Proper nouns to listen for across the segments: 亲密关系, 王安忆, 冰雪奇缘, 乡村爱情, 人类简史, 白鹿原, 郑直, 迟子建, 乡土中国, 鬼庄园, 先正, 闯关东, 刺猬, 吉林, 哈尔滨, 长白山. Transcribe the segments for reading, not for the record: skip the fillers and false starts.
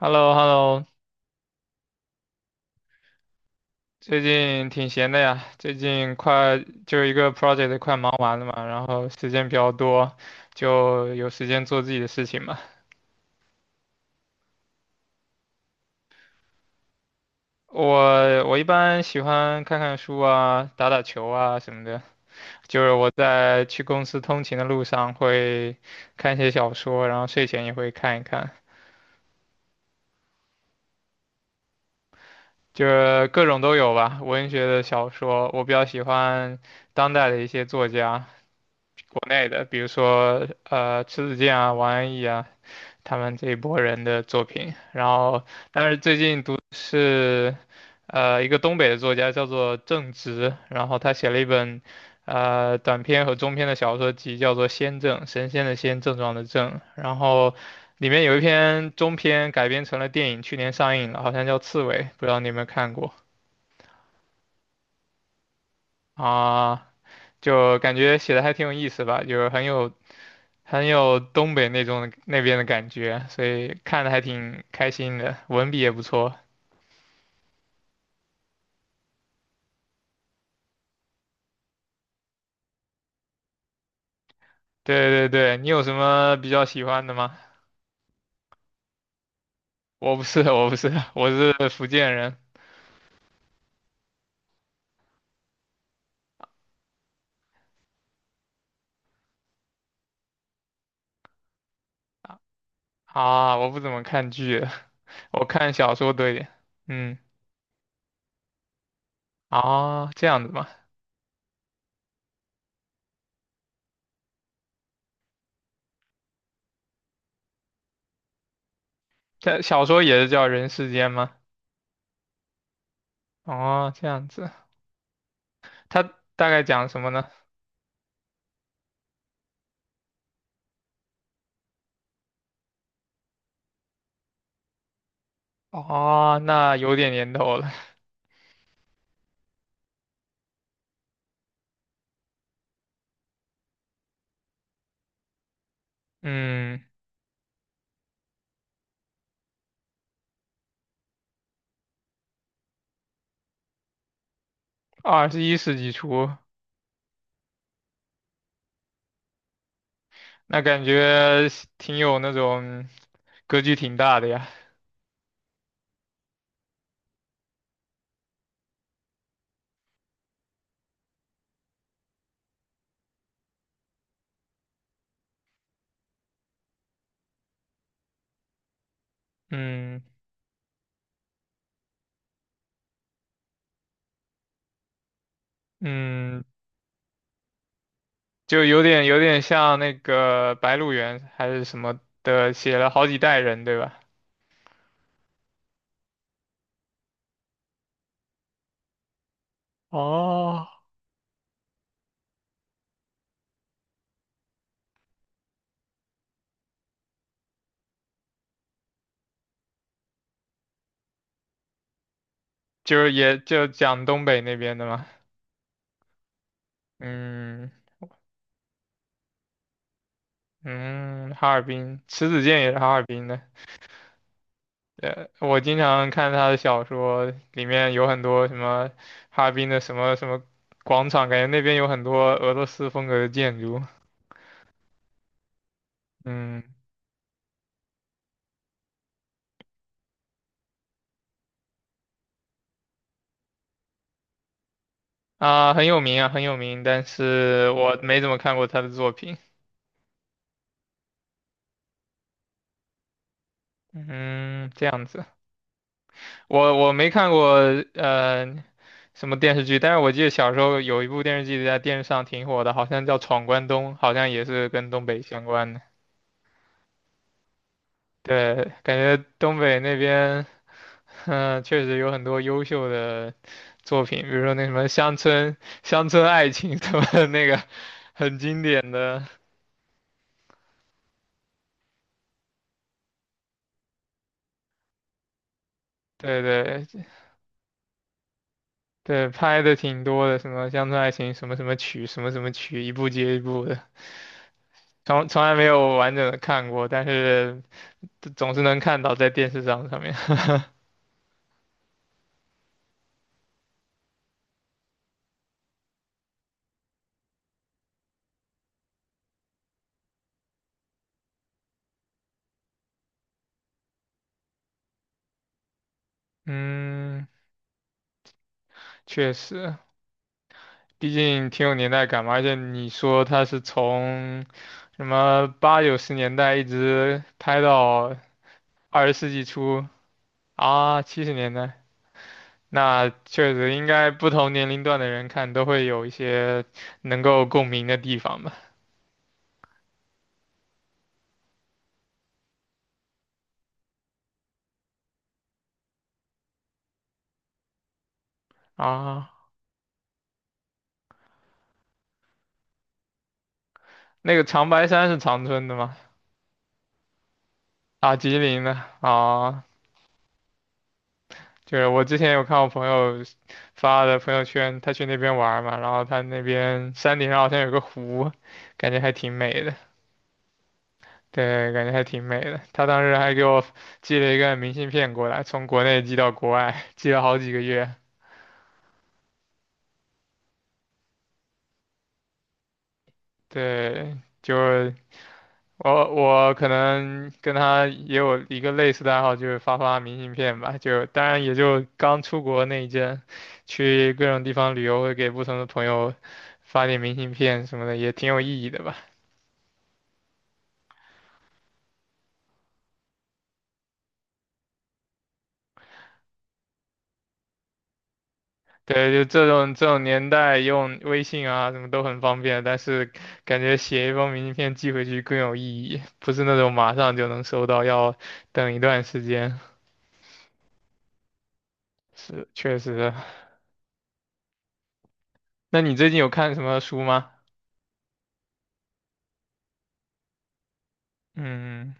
h e l l o h e l l o 最近挺闲的呀，最近快就一个 project 快忙完了嘛，然后时间比较多，就有时间做自己的事情嘛。我一般喜欢看看书啊，打打球啊什么的。就是我在去公司通勤的路上会看一些小说，然后睡前也会看一看，就是各种都有吧。文学的小说，我比较喜欢当代的一些作家，国内的，比如说迟子建啊、王安忆啊。他们这一波人的作品。然后，但是最近读的是一个东北的作家叫做郑直，然后他写了一本短篇和中篇的小说集，叫做《先正》，神仙的仙，症状的症。然后里面有一篇中篇改编成了电影，去年上映了，好像叫《刺猬》，不知道你有没有看过啊？就感觉写的还挺有意思吧，就是很有。很有东北那种那边的感觉，所以看的还挺开心的，文笔也不错。对对对，你有什么比较喜欢的吗？我不是，我不是，我是福建人啊，我不怎么看剧，我看小说多一点。嗯，啊，这样子吗？这小说也是叫人世间吗？哦，这样子，它大概讲什么呢？哦，那有点年头了。嗯，二十一世纪初，那感觉挺有那种格局挺大的呀。嗯嗯，就有点像那个《白鹿原》还是什么的，写了好几代人，对吧？哦，就是也就讲东北那边的嘛，嗯嗯，哈尔滨，迟子建也是哈尔滨的。呃，我经常看他的小说，里面有很多什么哈尔滨的什么什么广场，感觉那边有很多俄罗斯风格的建筑。嗯啊，很有名啊，很有名，但是我没怎么看过他的作品。嗯，这样子。我没看过呃什么电视剧，但是我记得小时候有一部电视剧在电视上挺火的，好像叫《闯关东》，好像也是跟东北相关的。对，感觉东北那边，嗯、确实有很多优秀的作品，比如说那什么《乡村爱情》什么的那个很经典的，对对对，拍的挺多的，什么《乡村爱情》什么什么曲，什么什么曲，一部接一部的。从来没有完整的看过，但是这总是能看到在电视上上面。嗯，确实，毕竟挺有年代感嘛。而且你说他是从什么八九十年代一直拍到二十世纪初啊，七十年代，那确实应该不同年龄段的人看都会有一些能够共鸣的地方吧。啊，那个长白山是长春的吗？啊，吉林的啊，就是我之前有看我朋友发的朋友圈，他去那边玩嘛，然后他那边山顶上好像有个湖，感觉还挺美的。对，感觉还挺美的。他当时还给我寄了一个明信片过来，从国内寄到国外，寄了好几个月。对，就是我可能跟他也有一个类似的爱好，就是发发明信片吧。就当然也就刚出国那一阵，去各种地方旅游，会给不同的朋友发点明信片什么的，也挺有意义的吧。对，就这种这种年代用微信啊，什么都很方便，但是感觉写一封明信片寄回去更有意义，不是那种马上就能收到，要等一段时间。是，确实。那你最近有看什么书吗？嗯，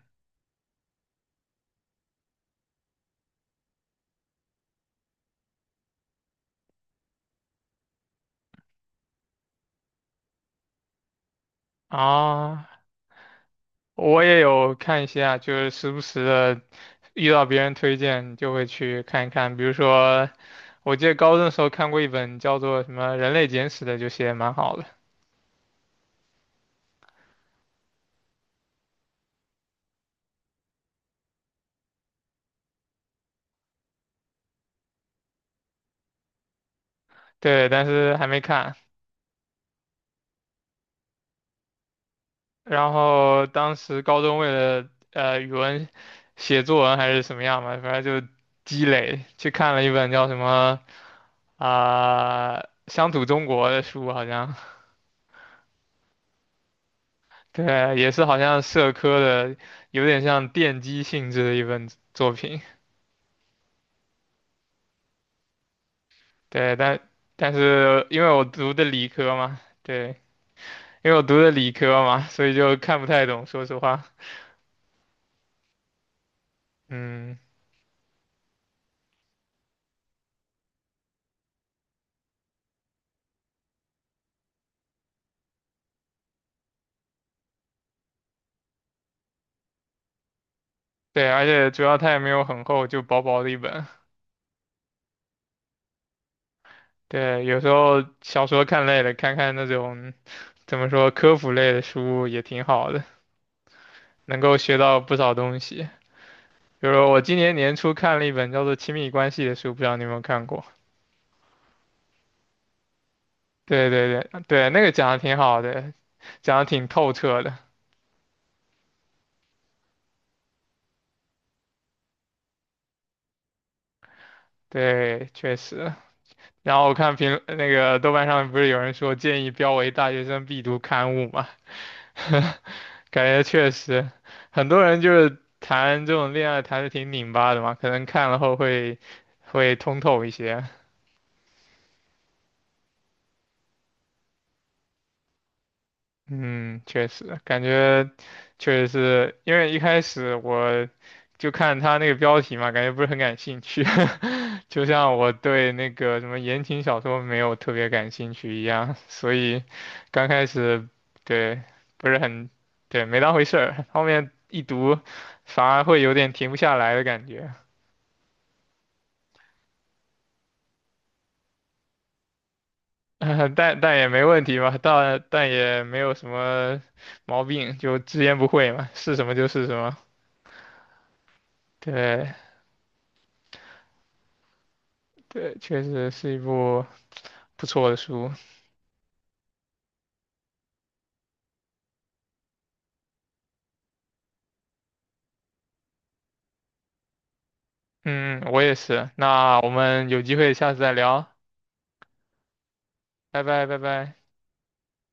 啊，我也有看一下，就是时不时的遇到别人推荐就会去看一看。比如说，我记得高中的时候看过一本叫做什么《人类简史》的，就写得蛮好的。对，但是还没看。然后当时高中为了语文写作文还是什么样嘛，反正就积累，去看了一本叫什么啊、乡土中国》的书，好像 对，也是好像社科的，有点像奠基性质的一本作品。对，但是因为我读的理科嘛，对，因为我读的理科嘛，所以就看不太懂，说实话，嗯，对，而且主要它也没有很厚，就薄薄的一本。对，有时候小说看累了，看看那种怎么说科普类的书也挺好的，能够学到不少东西。比如说我今年年初看了一本叫做《亲密关系》的书，不知道你有没有看过？对对对对，那个讲的挺好的，讲的挺透彻的。对，确实。然后我看评那个豆瓣上不是有人说建议标为大学生必读刊物嘛，感觉确实，很多人就是谈这种恋爱谈的挺拧巴的嘛，可能看了后会通透一些。嗯，确实，感觉确实是因为一开始我就看他那个标题嘛，感觉不是很感兴趣，就像我对那个什么言情小说没有特别感兴趣一样，所以刚开始对不是很对没当回事儿，后面一读反而会有点停不下来的感觉。但也没问题嘛，但也没有什么毛病，就直言不讳嘛，是什么就是什么。对对，确实是一部不错的书。嗯，我也是。那我们有机会下次再聊，拜拜拜拜。